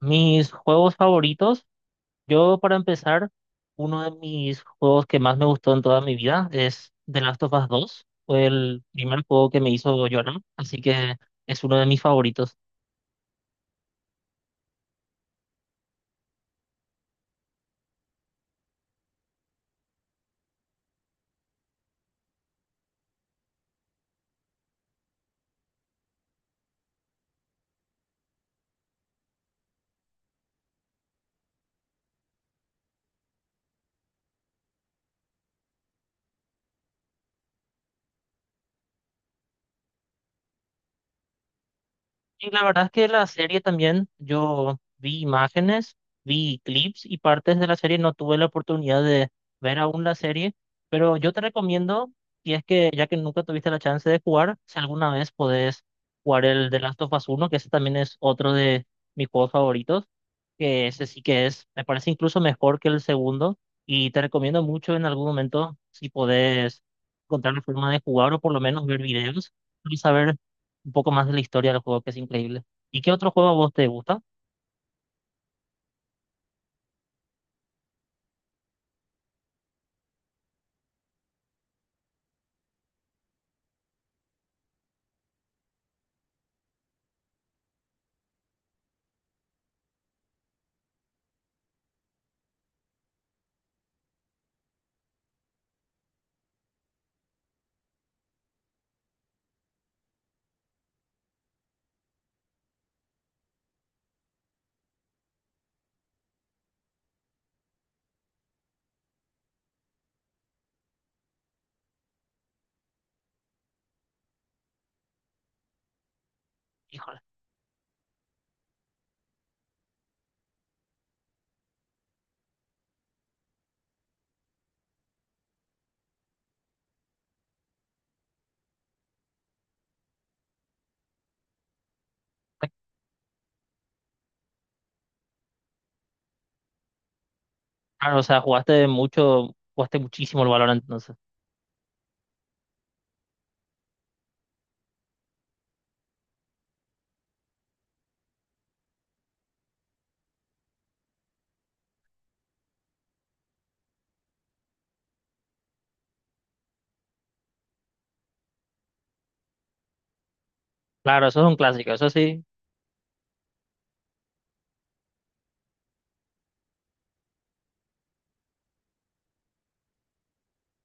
Mis juegos favoritos, yo para empezar, uno de mis juegos que más me gustó en toda mi vida es The Last of Us dos. Fue el primer juego que me hizo llorar, así que es uno de mis favoritos. Y la verdad es que la serie también, yo vi imágenes, vi clips y partes de la serie, no tuve la oportunidad de ver aún la serie, pero yo te recomiendo, si es que ya que nunca tuviste la chance de jugar, si alguna vez podés jugar el The Last of Us uno, que ese también es otro de mis juegos favoritos, que ese sí que es, me parece incluso mejor que el segundo, y te recomiendo mucho en algún momento si podés encontrar la forma de jugar o por lo menos ver videos y saber un poco más de la historia del juego, que es increíble. ¿Y qué otro juego a vos te gusta? Híjole. Pues, claro, o sea, jugaste mucho, jugaste muchísimo el Valorant, entonces. Claro, eso es un clásico, eso sí.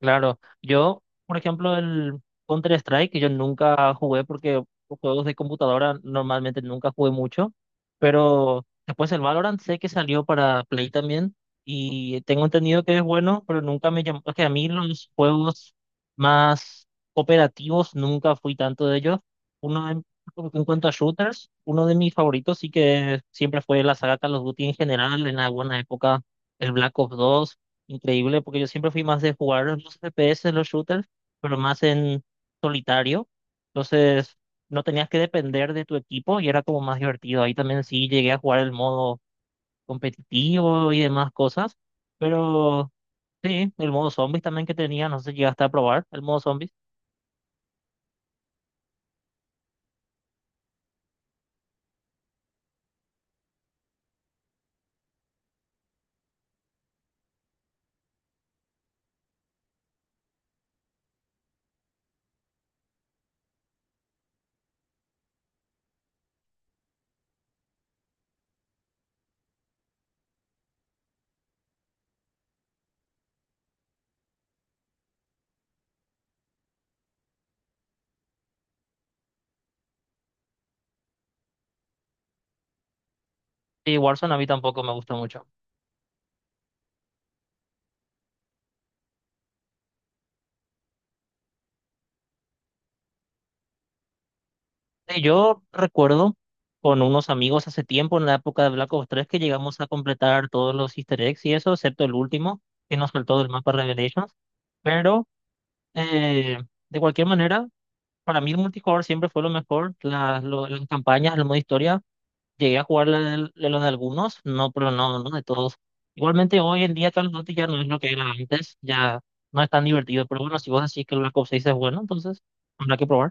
Claro, yo, por ejemplo, el Counter-Strike, yo nunca jugué porque los juegos de computadora normalmente nunca jugué mucho, pero después el Valorant sé que salió para Play también y tengo entendido que es bueno, pero nunca me llamó, es que a mí los juegos más cooperativos nunca fui tanto de ellos. Uno de- en cuanto a shooters, uno de mis favoritos sí que siempre fue la saga Call of Duty en general, en alguna época el Black Ops 2. Increíble, porque yo siempre fui más de jugar los FPS, los shooters, pero más en solitario. Entonces, no tenías que depender de tu equipo y era como más divertido. Ahí también sí llegué a jugar el modo competitivo y demás cosas. Pero sí, el modo zombies también que tenía, no sé si llegaste a probar el modo zombies. Y Warzone a mí tampoco me gusta mucho. Sí, yo recuerdo con unos amigos hace tiempo, en la época de Black Ops 3, que llegamos a completar todos los Easter eggs y eso, excepto el último, que nos faltó del mapa Revelations. Pero eh, de cualquier manera, para mí el multijugador siempre fue lo mejor. Las campañas, el modo historia, llegué a jugar la de los de algunos, no, pero no, no de todos. Igualmente hoy en día Call of Duty ya no es lo que era antes, ya no es tan divertido. Pero bueno, si vos decís que el Black Ops 6 es bueno, entonces habrá que probar.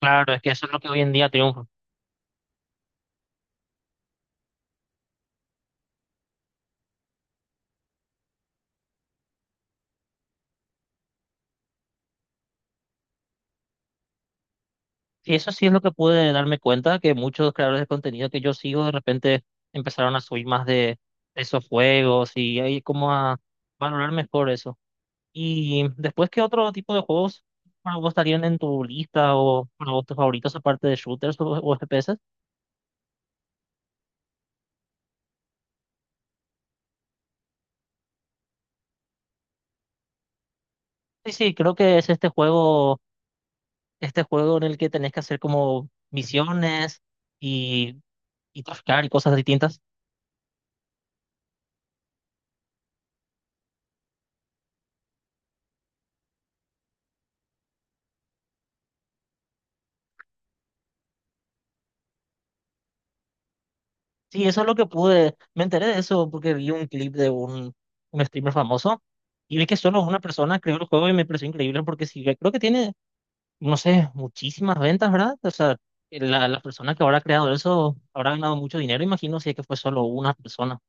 Claro, es que eso es lo que hoy en día triunfa. Y eso sí es lo que pude darme cuenta, que muchos creadores de contenido que yo sigo de repente empezaron a subir más de esos juegos y ahí como a valorar mejor eso. Y después, ¿qué otro tipo de juegos para vos estarían en tu lista o para vos tus favoritos aparte de shooters o FPS? Sí, sí, creo que es este juego en el que tenés que hacer como misiones y, y traficar y cosas distintas. Sí, eso es lo que pude, me enteré de eso porque vi un clip de un streamer famoso y vi que solo una persona creó el juego y me pareció increíble porque sí, creo que tiene, no sé, muchísimas ventas, ¿verdad? O sea, la persona que habrá creado eso habrá ganado mucho dinero, imagino, si es que fue solo una persona.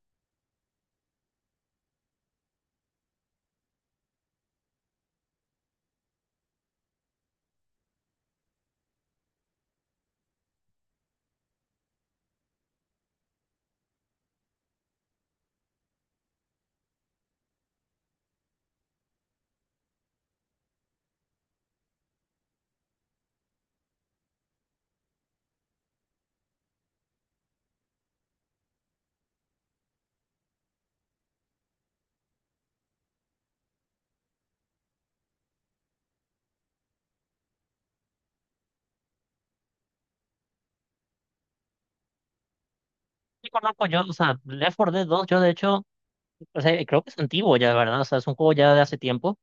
Sí, conozco. Yo, o sea, Left 4 Dead 2, yo de hecho, o sea, creo que es antiguo ya, ¿verdad? O sea, es un juego ya de hace tiempo.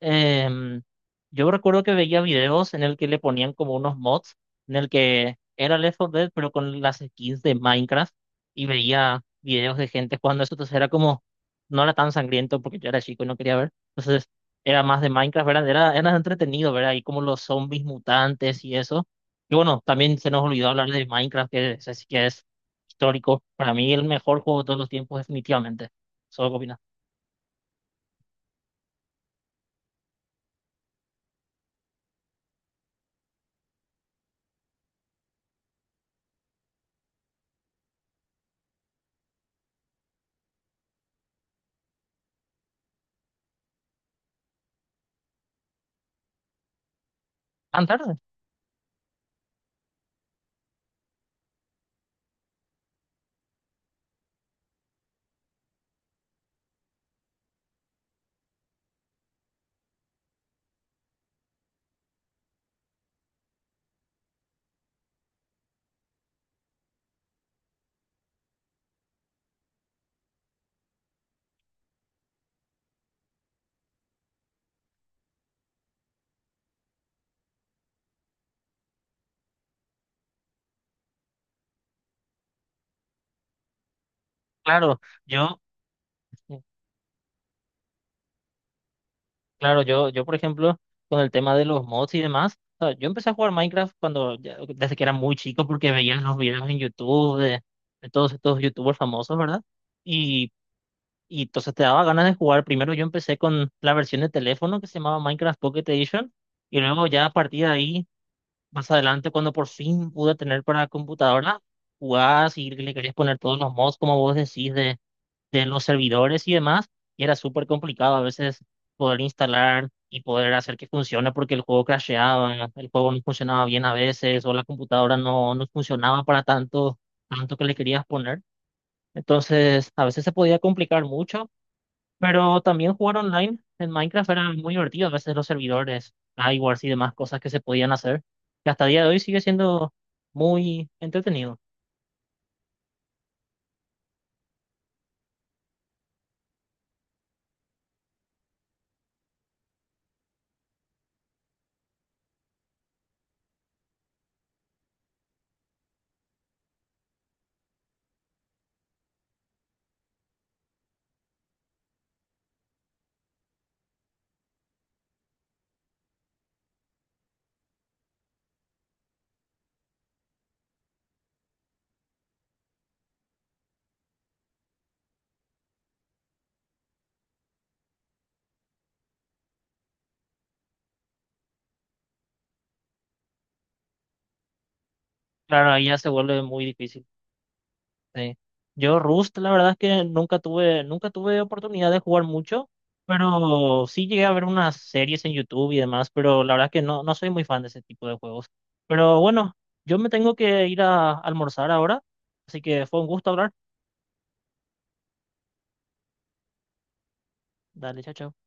Em, yo recuerdo que veía videos en el que le ponían como unos mods, en el que era Left 4 Dead, pero con las skins de Minecraft, y veía videos de gente jugando eso, entonces era como, no era tan sangriento porque yo era chico y no quería ver, entonces era más de Minecraft, ¿verdad? Era, era entretenido, ¿verdad? Y como los zombies mutantes y eso. Y bueno, también se nos olvidó hablar de Minecraft, que es histórico, para mí el mejor juego de todos los tiempos, definitivamente. Solo copinas. Tan tarde. Claro, yo, claro, yo, por ejemplo, con el tema de los mods y demás, o sea, yo empecé a jugar Minecraft cuando, ya- desde que era muy chico, porque veía los videos en YouTube de todos estos YouTubers famosos, ¿verdad? Y, y entonces te daba ganas de jugar. Primero yo empecé con la versión de teléfono que se llamaba Minecraft Pocket Edition, y luego ya a partir de ahí, más adelante, cuando por fin pude tener para computadora, jugás y le querías poner todos los mods, como vos decís, de los servidores y demás, y era súper complicado a veces poder instalar y poder hacer que funcione porque el juego crasheaba, el juego no funcionaba bien a veces, o la computadora no, no funcionaba para tanto, tanto que le querías poner. Entonces, a veces se podía complicar mucho, pero también jugar online en Minecraft era muy divertido, a veces los servidores, wars y demás cosas que se podían hacer, que hasta el día de hoy sigue siendo muy entretenido. Claro, ahí ya se vuelve muy difícil. Sí. Yo Rust, la verdad es que nunca tuve, nunca tuve oportunidad de jugar mucho, pero sí llegué a ver unas series en YouTube y demás, pero la verdad es que no, no soy muy fan de ese tipo de juegos. Pero bueno, yo me tengo que ir a almorzar ahora, así que fue un gusto hablar. Dale, chao, chao.